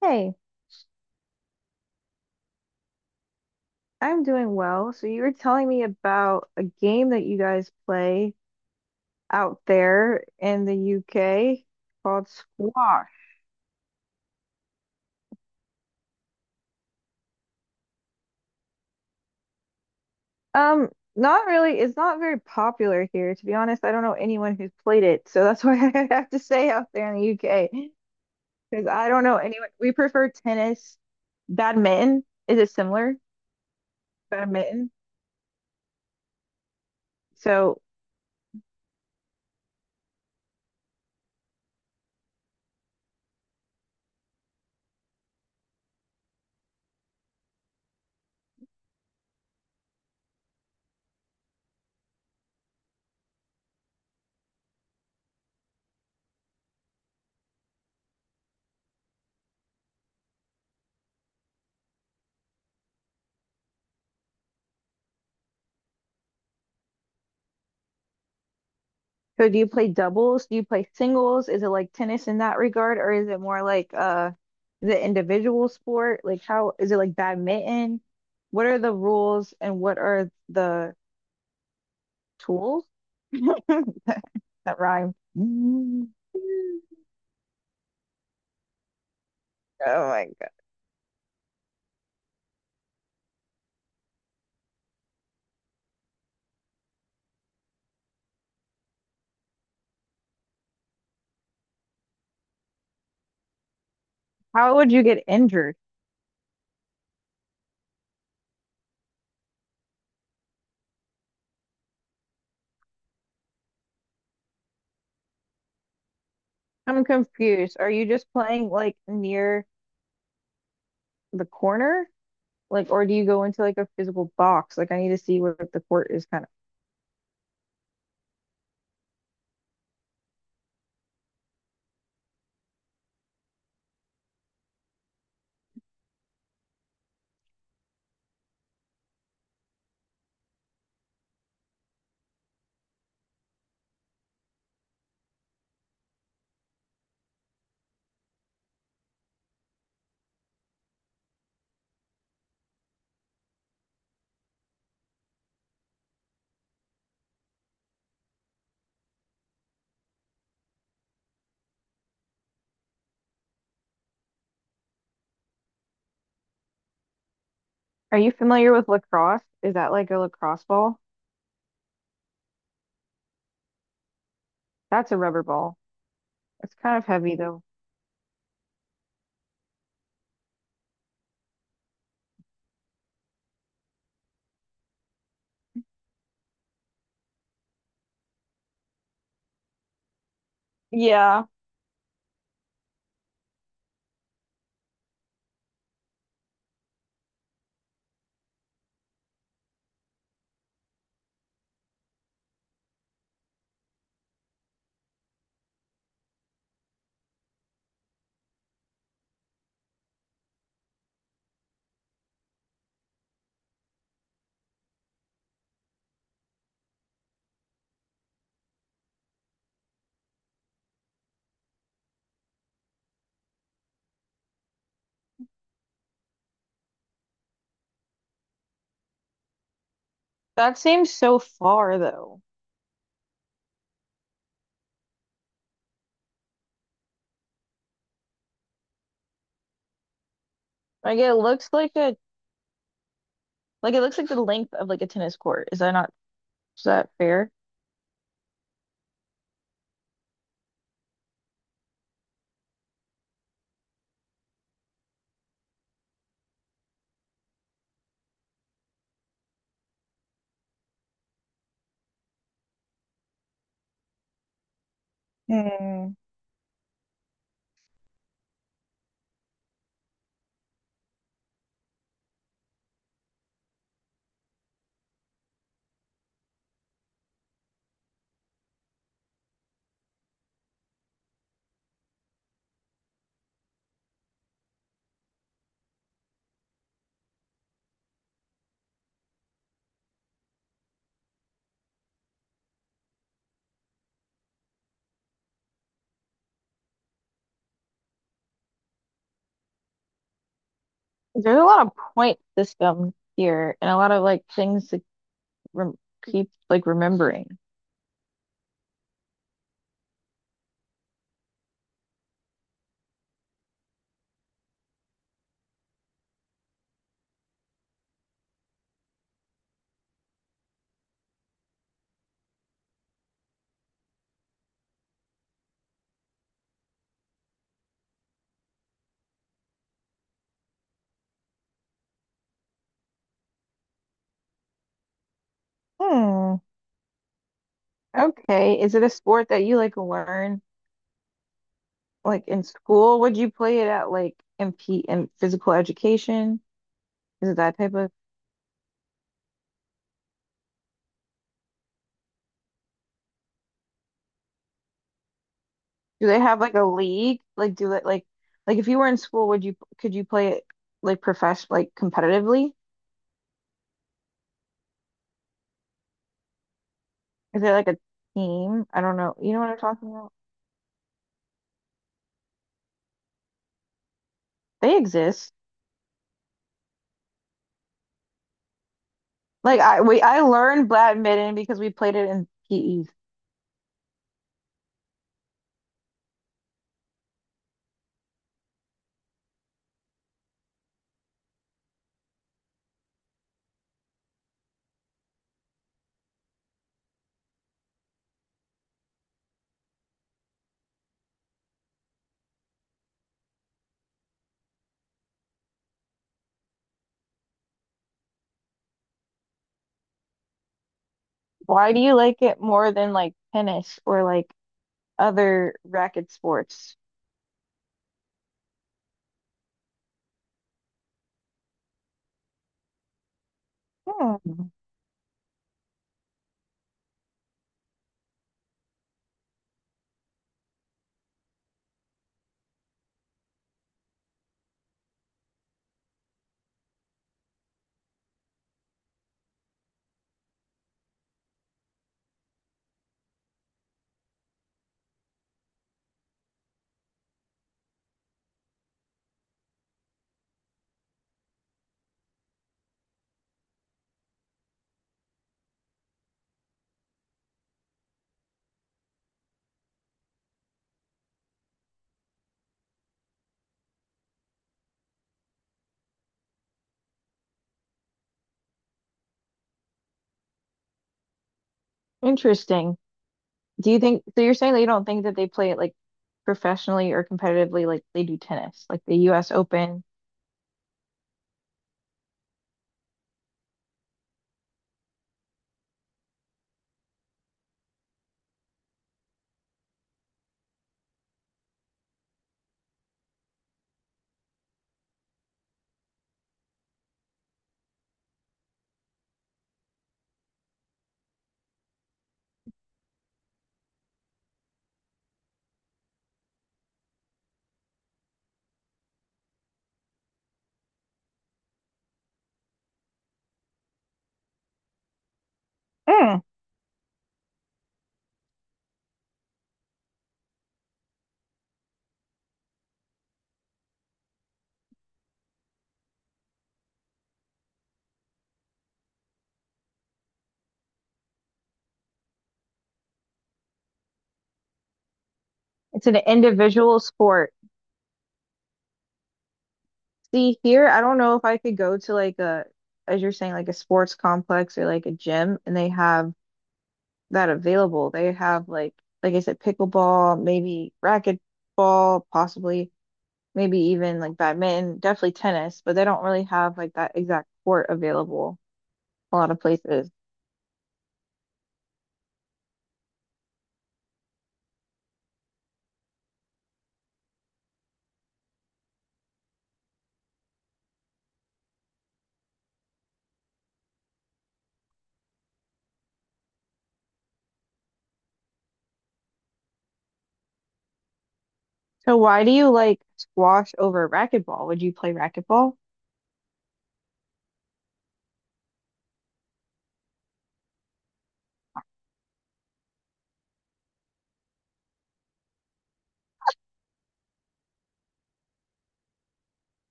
Hey, I'm doing well. So you were telling me about a game that you guys play out there in the UK called squash. Um, Not really, it's not very popular here, to be honest. I don't know anyone who's played it. So that's why I have to say out there in the UK because I don't know anyone. We prefer tennis, badminton. Is it similar? Badminton. So So do you play doubles? Do you play singles? Is it like tennis in that regard, or is it more like the individual sport? Like how is it like badminton? What are the rules and what are the tools? That rhyme. Mm. Oh my God. How would you get injured? I'm confused. Are you just playing like near the corner? Like, or do you go into like a physical box? Like, I need to see what the court is kind of. Are you familiar with lacrosse? Is that like a lacrosse ball? That's a rubber ball. It's kind of heavy though. Yeah, that seems so far though. Like it looks like a like it looks like the length of like a tennis court. Is that not is that fair? Hmm. There's a lot of point system here and a lot of like things to rem keep like remembering. Hmm. Okay. Is it a sport that you like learn like in school? Would you play it at like in P in physical education? Is it that type of? Do they have like a league? Like do that like if you were in school, would you could you play it like profession like competitively? Is there like a team? I don't know. You know what I'm talking about? They exist. Like I learned badminton because we played it in PE. Why do you like it more than like tennis or like other racket sports? Hmm. Interesting. Do you think so you're saying that you don't think that they play it like professionally or competitively like they do tennis, like the US Open? Hmm. It's an individual sport. See, here, I don't know if I could go to like a, as you're saying, like a sports complex or like a gym, and they have that available. They have like I said, pickleball, maybe racquetball, possibly, maybe even like badminton, definitely tennis, but they don't really have like that exact court available a lot of places. So why do you like squash over racquetball? Would you play racquetball?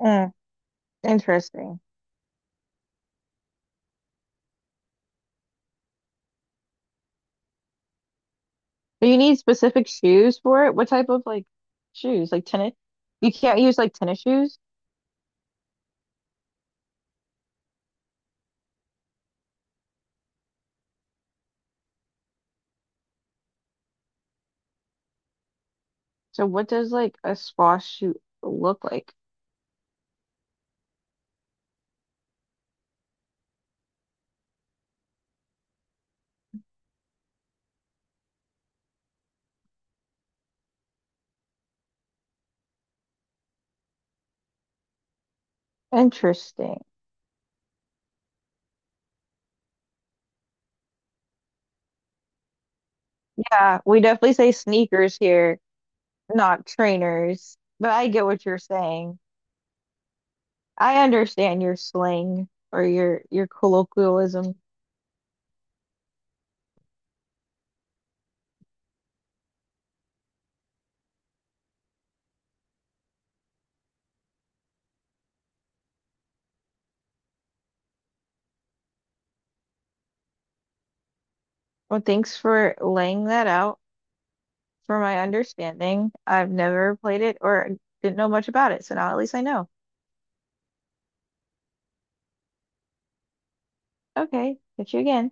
Mm, interesting. Do you need specific shoes for it? What type of like shoes? Like tennis? You can't use like tennis shoes. So what does like a squash shoe look like? Interesting. Yeah, we definitely say sneakers here, not trainers. But I get what you're saying. I understand your slang or your colloquialism. Well, thanks for laying that out for my understanding. I've never played it or didn't know much about it, so now at least I know. Okay, catch you again.